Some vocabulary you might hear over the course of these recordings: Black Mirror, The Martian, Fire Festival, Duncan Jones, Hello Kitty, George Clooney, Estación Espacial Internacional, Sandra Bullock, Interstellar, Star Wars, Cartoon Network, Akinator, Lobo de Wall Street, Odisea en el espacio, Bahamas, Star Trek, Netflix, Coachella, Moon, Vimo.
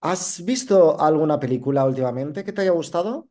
¿Has visto alguna película últimamente que te haya gustado?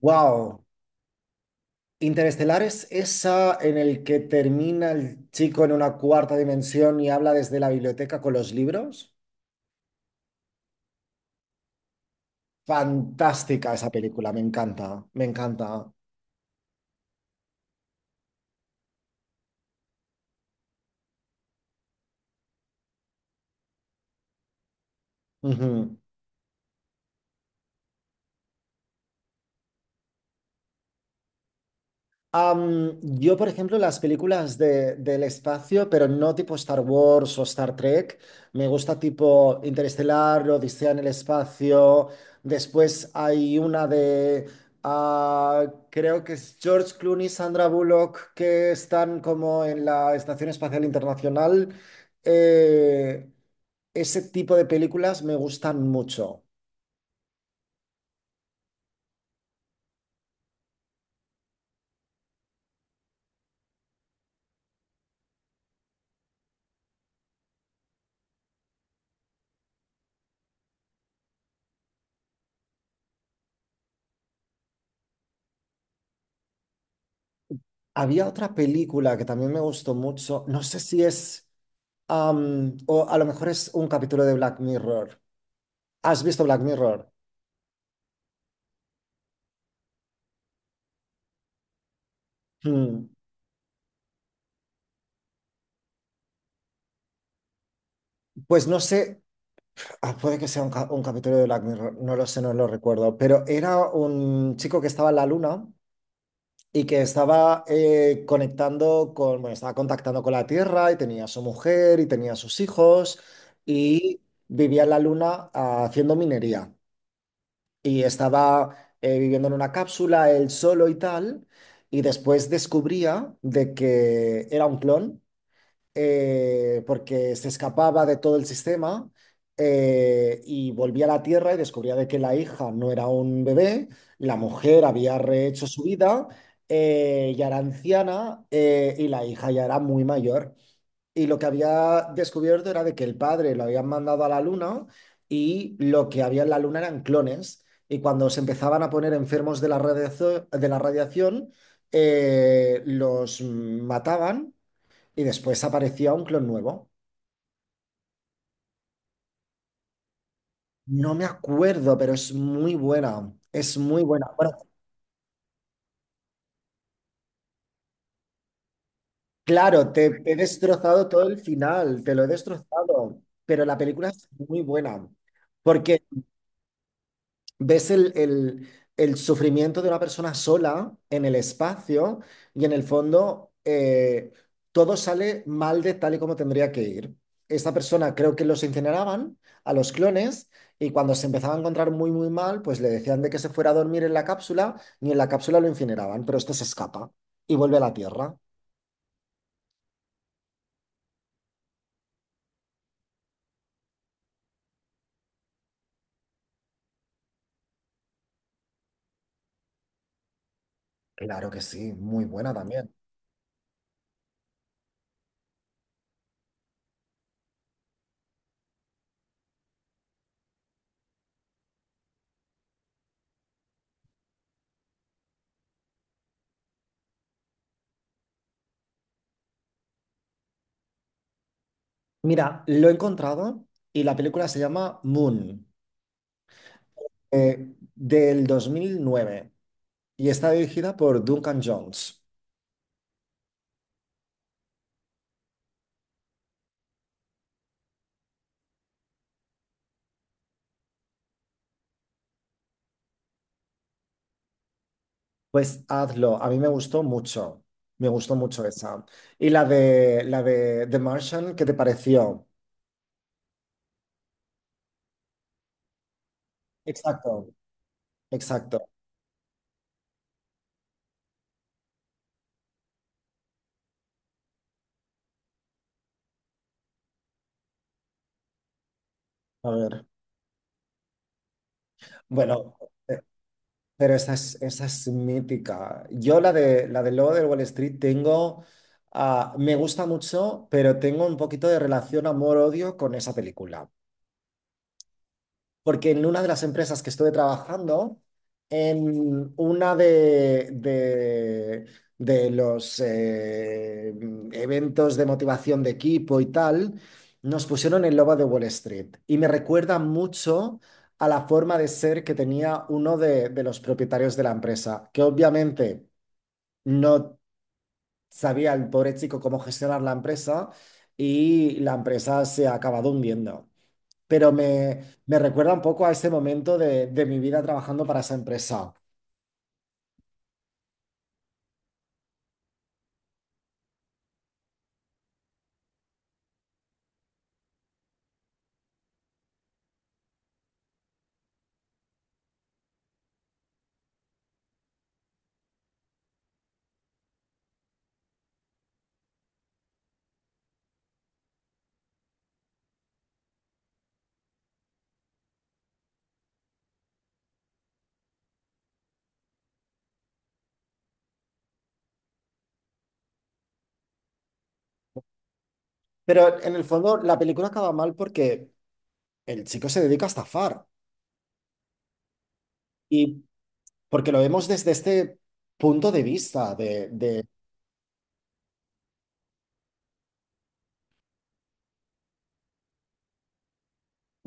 ¡Wow! Interestelar es esa en el que termina el chico en una cuarta dimensión y habla desde la biblioteca con los libros. Fantástica esa película, me encanta, me encanta. Ujú. Yo, por ejemplo, las películas del espacio, pero no tipo Star Wars o Star Trek, me gusta tipo Interestelar, Odisea en el espacio. Después hay una de, ah, creo que es George Clooney, Sandra Bullock, que están como en la Estación Espacial Internacional. Eh, Ese tipo de películas me gustan mucho. Había otra película que también me gustó mucho. No sé si es, o a lo mejor es un capítulo de Black Mirror. ¿Has visto Black Mirror? Hmm. Pues no sé, puede que sea un, un capítulo de Black Mirror, no lo sé, no lo recuerdo, pero era un chico que estaba en la luna y que estaba conectando con, bueno, estaba contactando con la Tierra y tenía a su mujer y tenía a sus hijos y vivía en la luna, haciendo minería. Y estaba viviendo en una cápsula él solo y tal, y después descubría de que era un clon, porque se escapaba de todo el sistema, y volvía a la Tierra y descubría de que la hija no era un bebé, la mujer había rehecho su vida, ya era anciana, y la hija ya era muy mayor. Y lo que había descubierto era de que el padre lo habían mandado a la luna y lo que había en la luna eran clones. Y cuando se empezaban a poner enfermos de la de la radiación, los mataban y después aparecía un clon nuevo. No me acuerdo, pero es muy buena. Es muy buena. Bueno, claro, te he destrozado todo el final, te lo he destrozado, pero la película es muy buena. Porque ves el el sufrimiento de una persona sola en el espacio y en el fondo, todo sale mal de tal y como tendría que ir. Esta persona creo que los incineraban a los clones y cuando se empezaba a encontrar muy muy mal, pues le decían de que se fuera a dormir en la cápsula y en la cápsula lo incineraban, pero este se escapa y vuelve a la Tierra. Claro que sí, muy buena también. Mira, lo he encontrado y la película se llama Moon, del 2009 y está dirigida por Duncan Jones. Pues hazlo, a mí me gustó mucho esa. Y la de The Martian, ¿qué te pareció? Exacto, exacto. A ver, bueno, eh, pero esa es mítica. Yo la de la del Lobo de Wall Street tengo, me gusta mucho, pero tengo un poquito de relación amor-odio con esa película. Porque en una de las empresas que estuve trabajando, en una de los eventos de motivación de equipo y tal, nos pusieron el Lobo de Wall Street y me recuerda mucho a la forma de ser que tenía uno de los propietarios de la empresa, que obviamente no sabía el pobre chico cómo gestionar la empresa y la empresa se ha acabado hundiendo, pero me recuerda un poco a ese momento de mi vida trabajando para esa empresa. Pero en el fondo, la película acaba mal porque el chico se dedica a estafar y porque lo vemos desde este punto de vista de, de...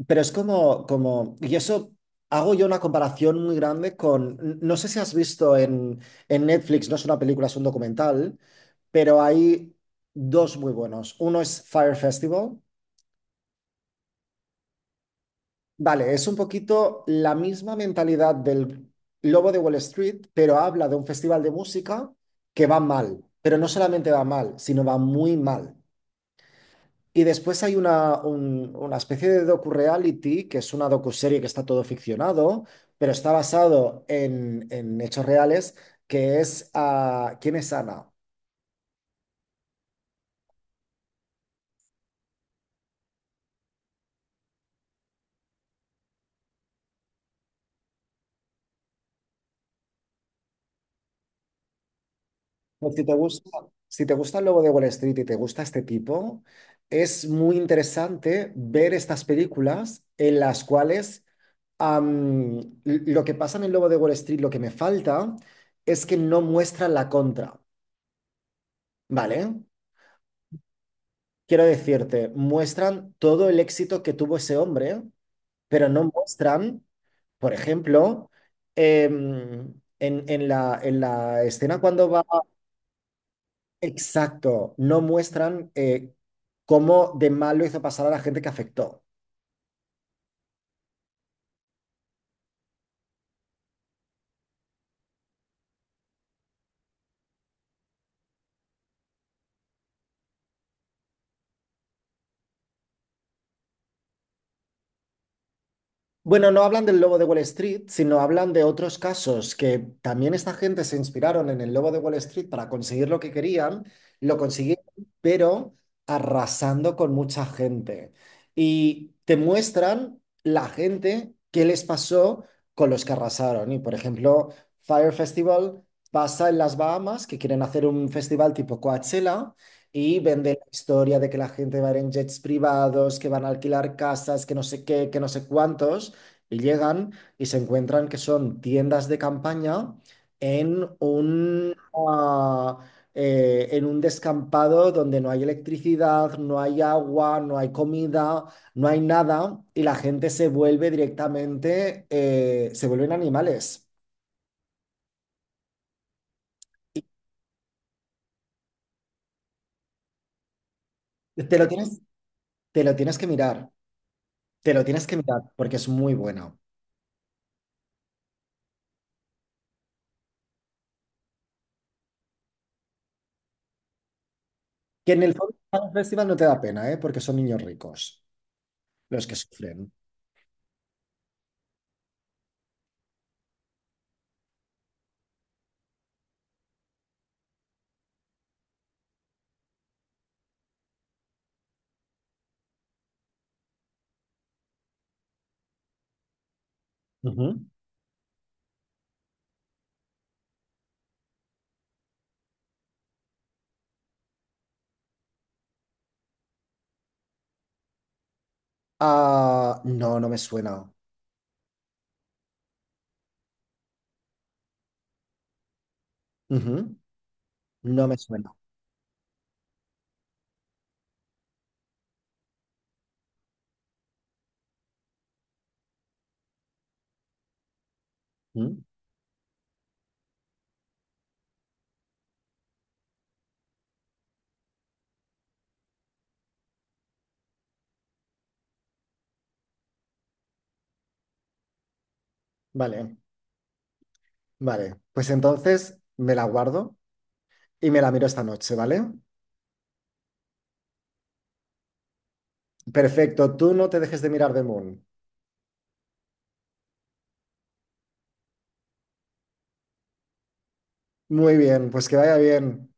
Pero es como, como... Y eso, hago yo una comparación muy grande con... No sé si has visto en Netflix, no es una película, es un documental, pero hay dos muy buenos. Uno es Fire Festival. Vale, es un poquito la misma mentalidad del Lobo de Wall Street, pero habla de un festival de música que va mal, pero no solamente va mal, sino va muy mal. Y después hay una, una especie de docu-reality, que es una docuserie que está todo ficcionado, pero está basado en hechos reales, que es, ¿Quién es Ana? Pues si te gusta, si te gusta el Lobo de Wall Street y te gusta este tipo, es muy interesante ver estas películas en las cuales, am, lo que pasa en el Lobo de Wall Street, lo que me falta, es que no muestran la contra, ¿vale? Quiero decirte, muestran todo el éxito que tuvo ese hombre, pero no muestran, por ejemplo, em, en en la escena cuando va... Exacto, no muestran, cómo de malo hizo pasar a la gente que afectó. Bueno, no hablan del Lobo de Wall Street, sino hablan de otros casos que también esta gente se inspiraron en el Lobo de Wall Street para conseguir lo que querían, lo consiguieron, pero arrasando con mucha gente. Y te muestran la gente qué les pasó con los que arrasaron. Y por ejemplo, Fire Festival pasa en las Bahamas, que quieren hacer un festival tipo Coachella. Y venden la historia de que la gente va a ir en jets privados, que van a alquilar casas, que no sé qué, que no sé cuántos. Y llegan y se encuentran que son tiendas de campaña en un, en un descampado donde no hay electricidad, no hay agua, no hay comida, no hay nada, y la gente se vuelve directamente, se vuelven animales. Te lo tienes, te lo tienes que mirar, te lo tienes que mirar, porque es muy buena. Que en el fondo para un festival no te da pena, ¿eh? Porque son niños ricos los que sufren. Ujú. Ah, no, no me suena. Ujú, no me suena. Mm. Vale, vale. Pues entonces me la guardo y me la miro esta noche, ¿vale? Perfecto, tú no te dejes de mirar The Moon. Muy bien, pues que vaya bien.